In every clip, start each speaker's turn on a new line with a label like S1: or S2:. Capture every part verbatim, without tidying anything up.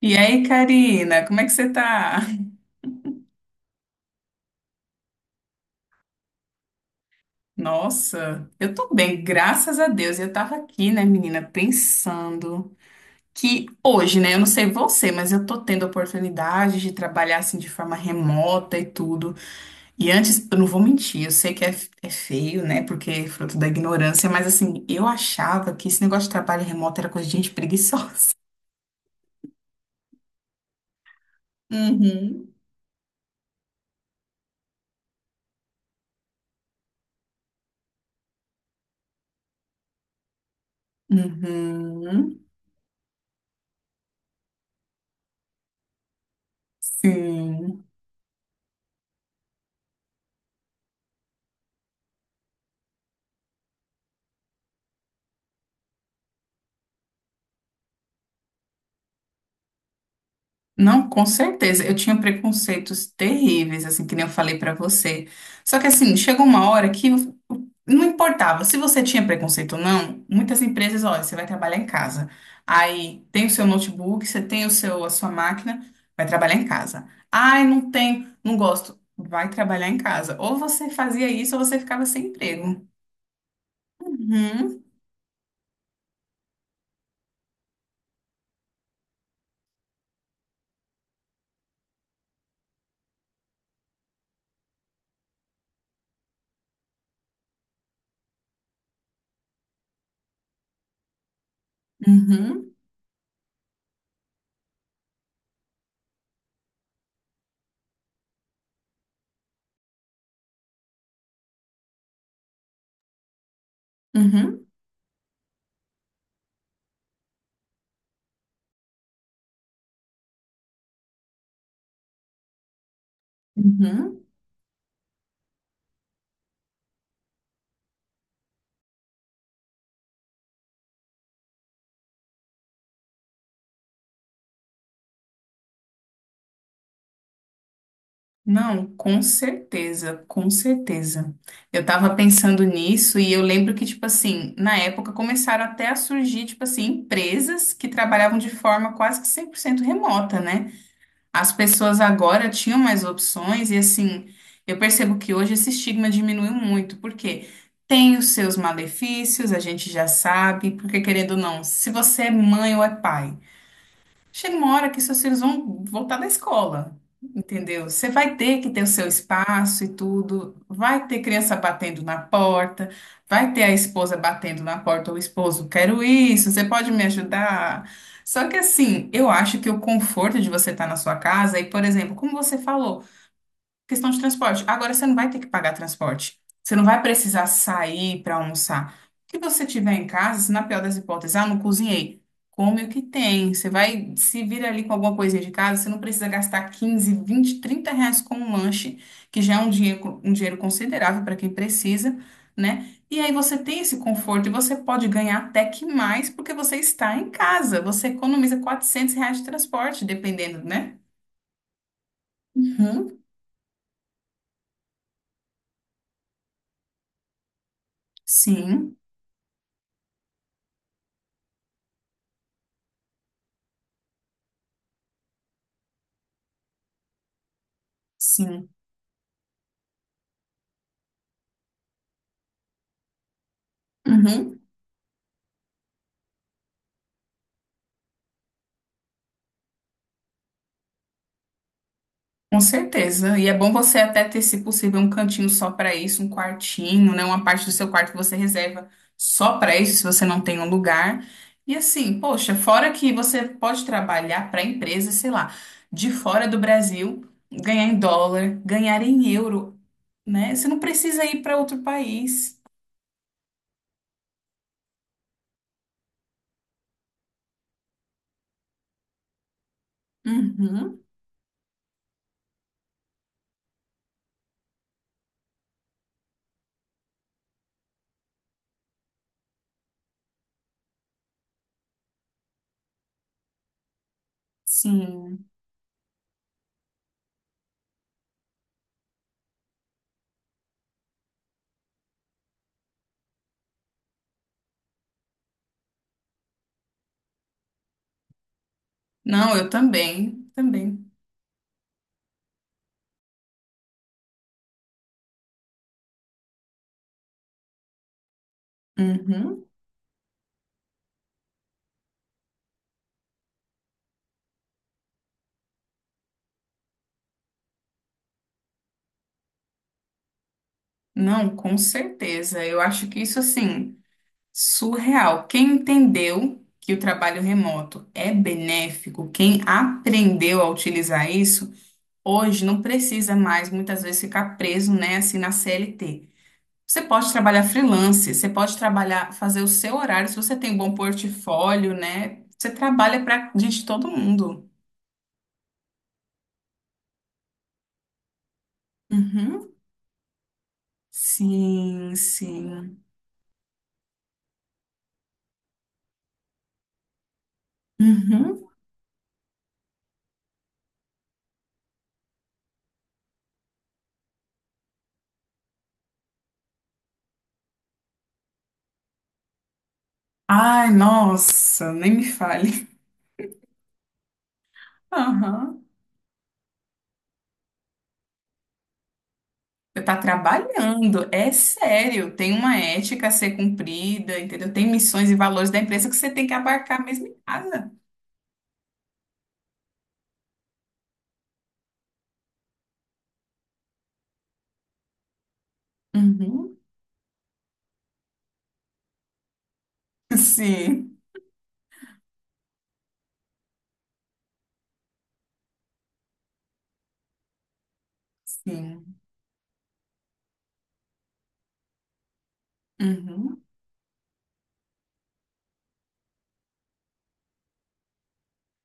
S1: E aí, Karina, como é que você tá? Nossa, eu tô bem, graças a Deus. Eu tava aqui, né, menina, pensando que hoje, né, eu não sei você, mas eu tô tendo a oportunidade de trabalhar assim de forma remota e tudo. E antes, eu não vou mentir, eu sei que é, é feio, né, porque é fruto da ignorância, mas assim, eu achava que esse negócio de trabalho remoto era coisa de gente preguiçosa. Uhum. Uhum. Sim. Não, com certeza. Eu tinha preconceitos terríveis, assim, que nem eu falei pra você. Só que assim, chegou uma hora que não importava se você tinha preconceito ou não. Muitas empresas, olha, você vai trabalhar em casa. Aí tem o seu notebook, você tem o seu a sua máquina, vai trabalhar em casa. Ai, não tem, não gosto. Vai trabalhar em casa. Ou você fazia isso ou você ficava sem emprego. Uhum, uhum, uhum, uhum. Não, com certeza, com certeza. Eu tava pensando nisso e eu lembro que, tipo assim, na época começaram até a surgir, tipo assim, empresas que trabalhavam de forma quase que cem por cento remota, né? As pessoas agora tinham mais opções e, assim, eu percebo que hoje esse estigma diminuiu muito, porque tem os seus malefícios, a gente já sabe, porque querendo ou não, se você é mãe ou é pai. Chega uma hora que seus filhos vão voltar da escola, entendeu? Você vai ter que ter o seu espaço e tudo, vai ter criança batendo na porta, vai ter a esposa batendo na porta, o esposo, quero isso, você pode me ajudar? Só que assim, eu acho que o conforto de você estar na sua casa, e por exemplo, como você falou, questão de transporte. Agora você não vai ter que pagar transporte. Você não vai precisar sair para almoçar. O que você tiver em casa, se na pior das hipóteses, ah, não cozinhei. Come o que tem. Você vai se vira ali com alguma coisinha de casa, você não precisa gastar quinze vinte trinta reais com um lanche, que já é um dinheiro, um dinheiro considerável para quem precisa, né? E aí você tem esse conforto e você pode ganhar até que mais porque você está em casa. Você economiza quatrocentos reais de transporte, dependendo, né? Uhum. Sim, sim. Uhum, com certeza. E é bom você até ter, se possível, um cantinho só para isso, um quartinho, né? Uma parte do seu quarto que você reserva só para isso, se você não tem um lugar. E assim, poxa, fora que você pode trabalhar para empresas, sei lá, de fora do Brasil, ganhar em dólar, ganhar em euro, né? Você não precisa ir para outro país. Uhum, sim. Não, eu também, também. Uhum. Não, com certeza. Eu acho que isso assim. Surreal. Quem entendeu que o trabalho remoto é benéfico, quem aprendeu a utilizar isso, hoje não precisa mais muitas vezes ficar preso, né, assim na C L T. Você pode trabalhar freelance, você pode trabalhar, fazer o seu horário, se você tem um bom portfólio, né? Você trabalha para gente de todo mundo. Uhum, sim, sim. Uhum, ai, nossa, nem me fale. Aham. Você está trabalhando, é sério. Tem uma ética a ser cumprida, entendeu? Tem missões e valores da empresa que você tem que abarcar mesmo em casa. Uhum. Sim, sim. Uhum.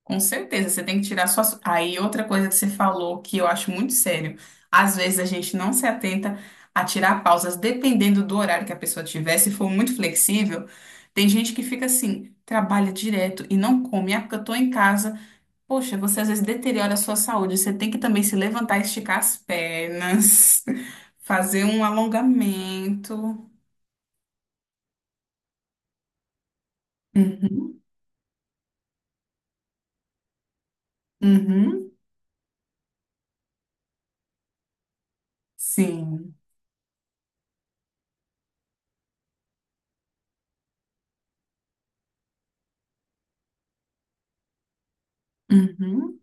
S1: Com certeza, você tem que tirar suas. Aí, outra coisa que você falou que eu acho muito sério. Às vezes a gente não se atenta a tirar pausas, dependendo do horário que a pessoa tiver. Se for muito flexível, tem gente que fica assim, trabalha direto e não come. Ah, porque eu tô em casa. Poxa, você às vezes deteriora a sua saúde. Você tem que também se levantar, esticar as pernas, fazer um alongamento. Uhum, uhum, sim. Uhum.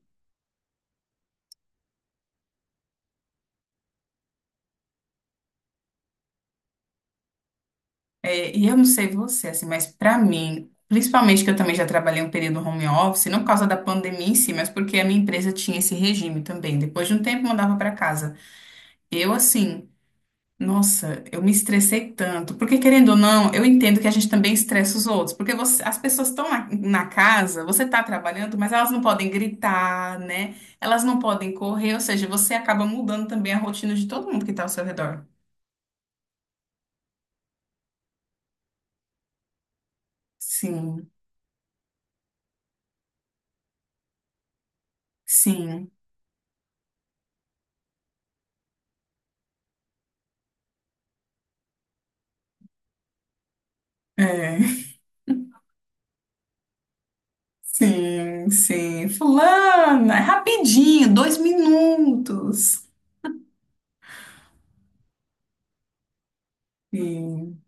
S1: É, e eu não sei você, assim, mas pra mim, principalmente que eu também já trabalhei um período home office, não por causa da pandemia em si, mas porque a minha empresa tinha esse regime também. Depois de um tempo, mandava pra casa. Eu, assim. Nossa, eu me estressei tanto. Porque, querendo ou não, eu entendo que a gente também estressa os outros. Porque você- as pessoas estão na, na casa, você está trabalhando, mas elas não podem gritar, né? Elas não podem correr, ou seja, você acaba mudando também a rotina de todo mundo que está ao seu redor. Sim, sim. É. Sim, sim. Fulana, é rapidinho, dois minutos. Sim.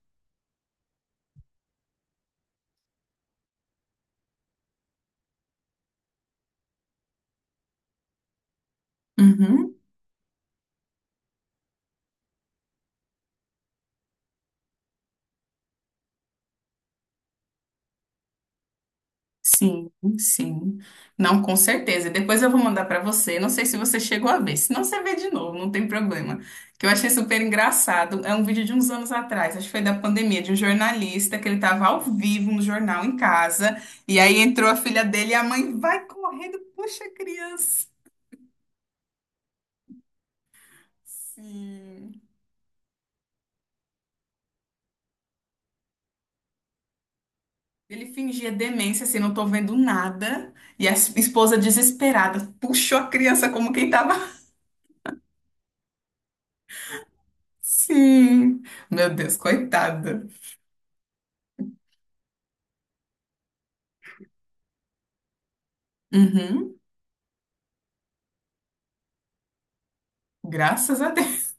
S1: Uhum. Sim, sim. Não, com certeza. E depois eu vou mandar para você. Não sei se você chegou a ver. Se não, você vê de novo, não tem problema. Que eu achei super engraçado. É um vídeo de uns anos atrás, acho que foi da pandemia, de um jornalista que ele estava ao vivo no jornal em casa. E aí entrou a filha dele e a mãe vai correndo, puxa a criança. Sim. Ele fingia demência, assim, não tô vendo nada. E a esposa desesperada puxou a criança como quem tava. Sim. Meu Deus, coitada. Uhum. Graças a Deus.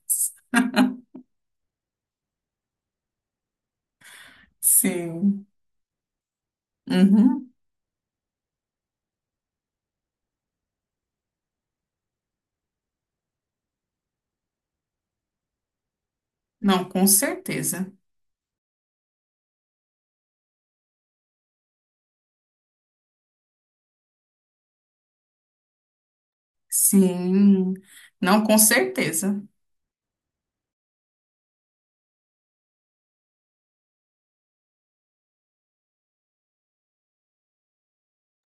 S1: Sim. Uhum. Não, com certeza. Sim. Não, com certeza.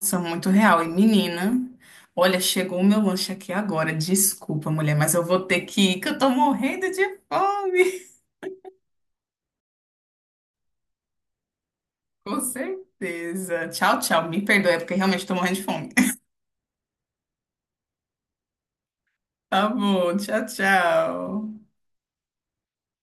S1: São muito real. E menina, olha, chegou o meu lanche aqui agora. Desculpa, mulher, mas eu vou ter que ir, que eu tô morrendo de fome. Com certeza. Tchau, tchau. Me perdoe, é porque realmente tô morrendo de fome. Tá bom. Tchau, tchau.